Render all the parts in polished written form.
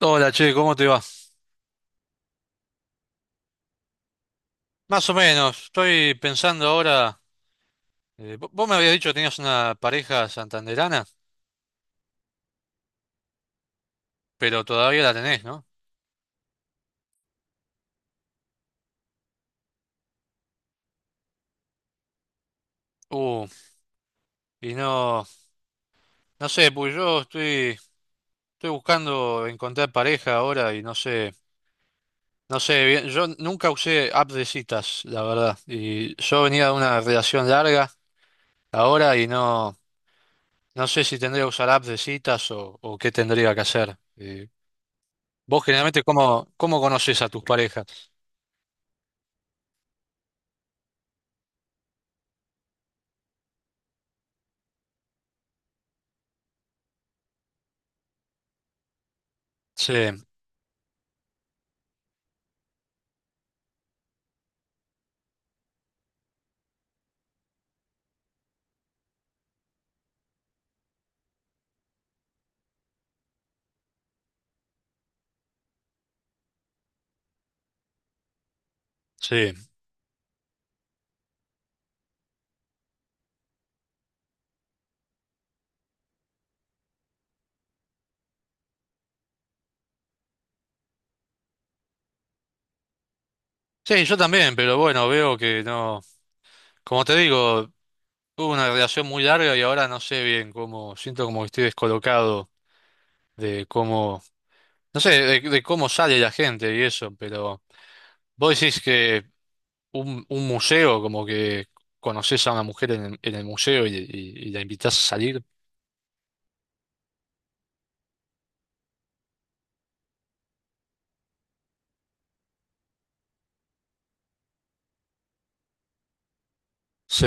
Hola, che, ¿cómo te va? Más o menos, estoy pensando ahora. Vos me habías dicho que tenías una pareja santanderana, pero todavía la tenés, ¿no? Uh, y no, no sé, pues estoy buscando encontrar pareja ahora y no sé, no sé bien. Yo nunca usé app de citas, la verdad. Y yo venía de una relación larga ahora y no, no sé si tendría que usar app de citas o qué tendría que hacer. Vos generalmente, ¿ cómo conoces a tus parejas? Sí, sí. Sí, yo también, pero bueno, veo que no. Como te digo, tuve una relación muy larga y ahora no sé bien cómo. Siento como que estoy descolocado de cómo. No sé, de cómo sale la gente y eso, pero vos decís que un museo, como que conoces a una mujer en en el museo y la invitás a salir. Sí,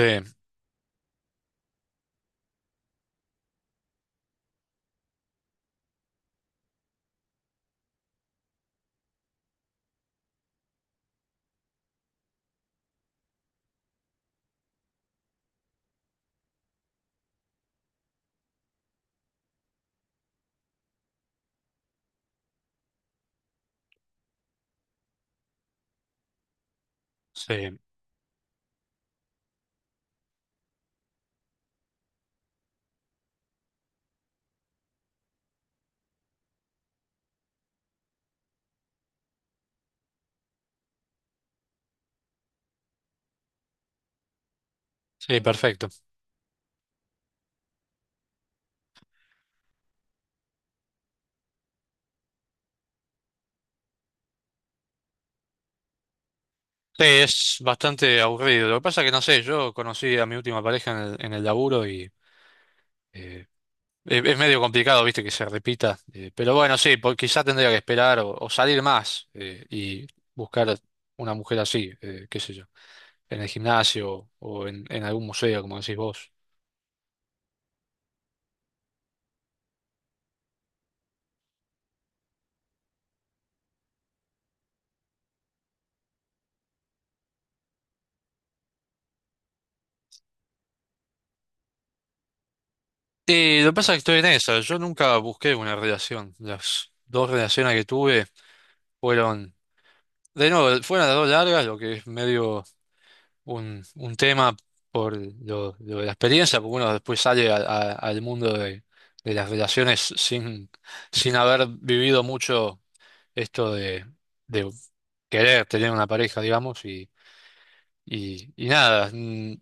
sí, sí, perfecto. Sí, es bastante aburrido. Lo que pasa es que no sé, yo conocí a mi última pareja en en el laburo y. eh, Es medio complicado, viste, que se repita. Pero bueno, sí, quizá tendría que esperar o salir más y buscar una mujer así, qué sé yo, en el gimnasio o en algún museo, como decís vos. Y lo que pasa es que estoy en esa. Yo nunca busqué una relación. Las dos relaciones que tuve fueron, de nuevo, fueron las dos largas, lo que es medio. Un tema por lo de la experiencia, porque uno después sale al mundo de las relaciones sin, sin haber vivido mucho esto de querer tener una pareja, digamos, y nada,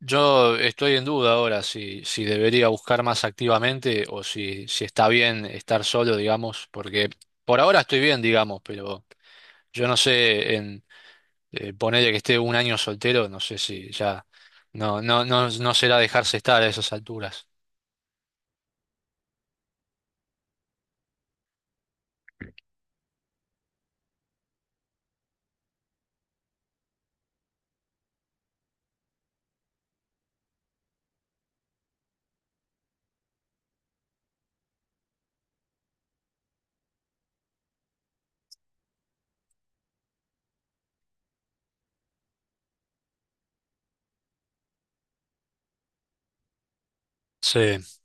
yo estoy en duda ahora si, si debería buscar más activamente o si, si está bien estar solo, digamos, porque por ahora estoy bien, digamos, pero yo no sé ponele que esté un año soltero, no sé si ya no, no, no, no será dejarse estar a esas alturas. Sí.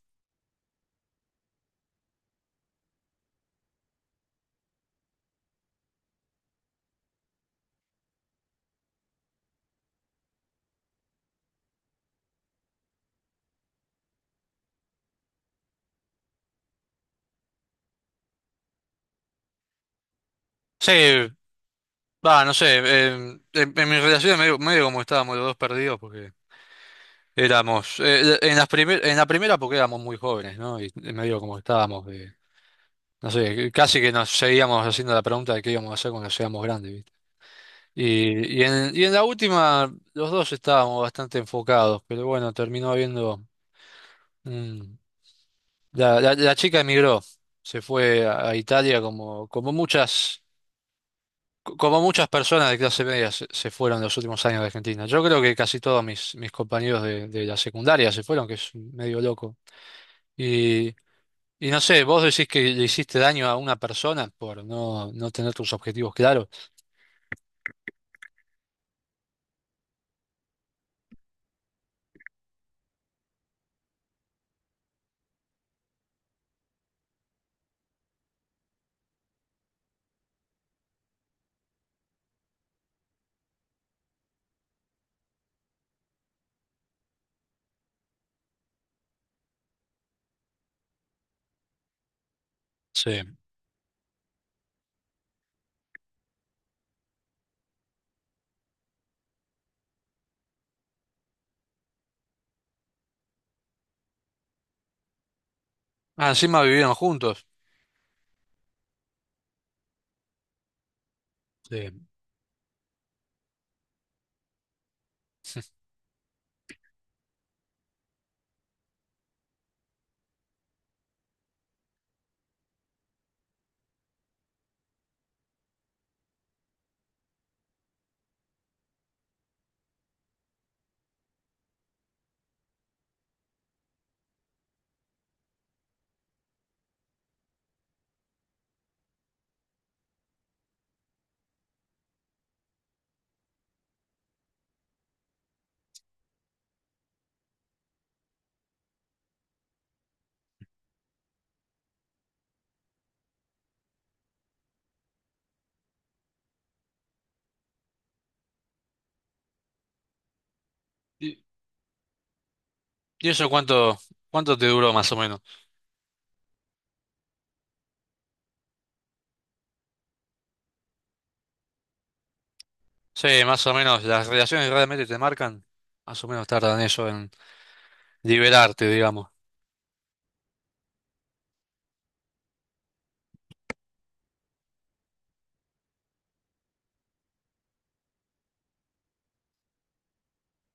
Sí, va, no sé. En mi relación medio, medio como estábamos los dos perdidos porque éramos, en en la primera, porque éramos muy jóvenes, ¿no? Y medio como estábamos, no sé, casi que nos seguíamos haciendo la pregunta de qué íbamos a hacer cuando seamos grandes, ¿viste? Y en la última los dos estábamos bastante enfocados, pero bueno, terminó habiendo… un, La, la chica emigró, se fue a Italia como, como muchas, como muchas personas de clase media se fueron en los últimos años de Argentina. Yo creo que casi todos mis, mis compañeros de la secundaria se fueron, que es medio loco. Y, y no sé, vos decís que le hiciste daño a una persona por no, no tener tus objetivos claros. Sí. Ah, encima vivieron juntos. Sí. ¿Y, y eso cuánto, cuánto te duró más o menos? Sí, más o menos, las relaciones realmente te marcan, más o menos tardan eso en liberarte, digamos.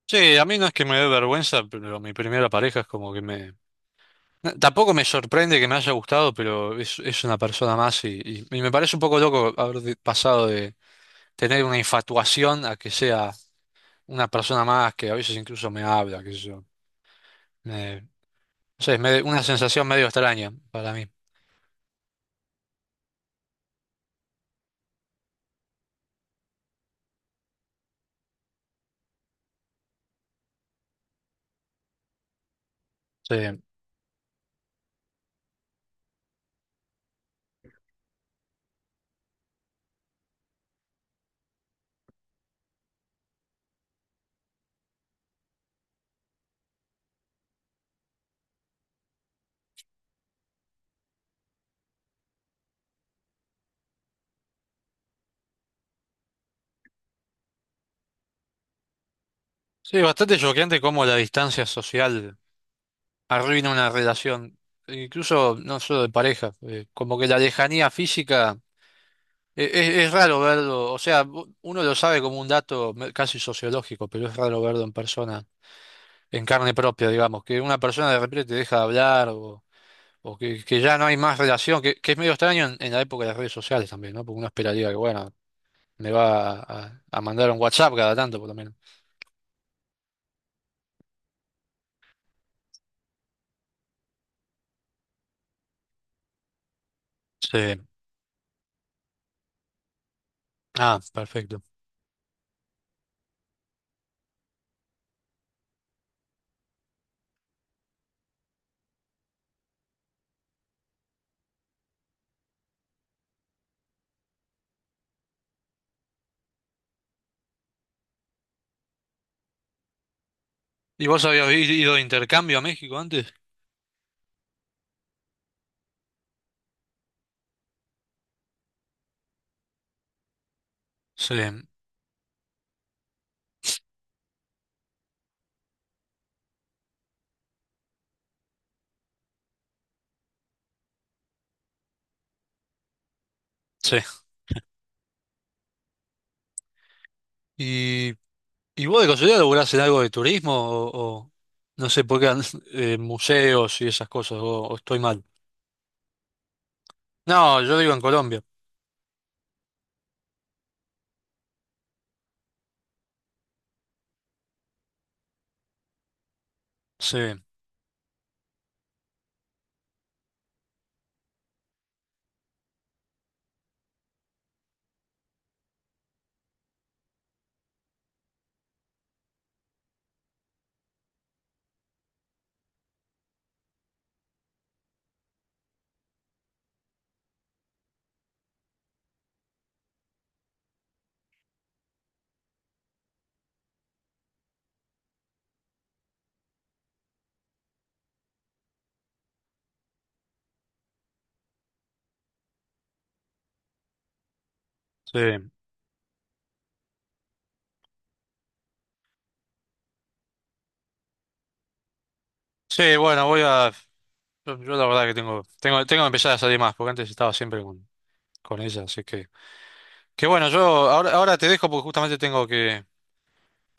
Sí, a mí no es que me dé vergüenza, pero mi primera pareja es como que me… no, tampoco me sorprende que me haya gustado, pero es una persona más y me parece un poco loco haber pasado de tener una infatuación a que sea una persona más que a veces incluso me habla, qué sé yo. Me- no sé, es medio, una sensación medio extraña para mí. Sí, sí, bastante choqueante cómo la distancia social arruina una relación, incluso no solo de pareja, como que la lejanía física… Es raro verlo, o sea, uno lo sabe como un dato casi sociológico, pero es raro verlo en persona, en carne propia, digamos, que una persona de repente te deja de hablar o que ya no hay más relación, que es medio extraño en la época de las redes sociales también, ¿no? Porque uno esperaría que, bueno, me va mandar un WhatsApp cada tanto, por lo menos. Sí. Ah, perfecto. ¿Y vos habías ido de intercambio a México antes? Sí, sí. ¿Y vos de casualidad laburás en algo de turismo o no sé por qué museos y esas cosas o estoy mal? No, yo digo en Colombia. Sí, sí. Sí, bueno, voy a yo la verdad que tengo que empezar a salir más porque antes estaba siempre con ella, así que bueno, yo ahora te dejo porque justamente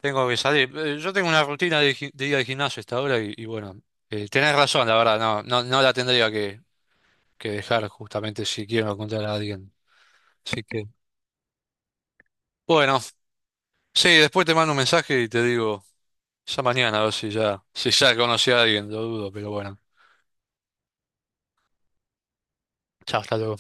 tengo que salir. Yo tengo una rutina de, de ir al gimnasio hasta ahora y bueno, tenés razón, la verdad, no la tendría que dejar justamente si quiero encontrar a alguien. Así que bueno. Sí, después te mando un mensaje y te digo, ya mañana, a ver si ya, si ya conocí a alguien, lo dudo, pero bueno. Chao, hasta luego.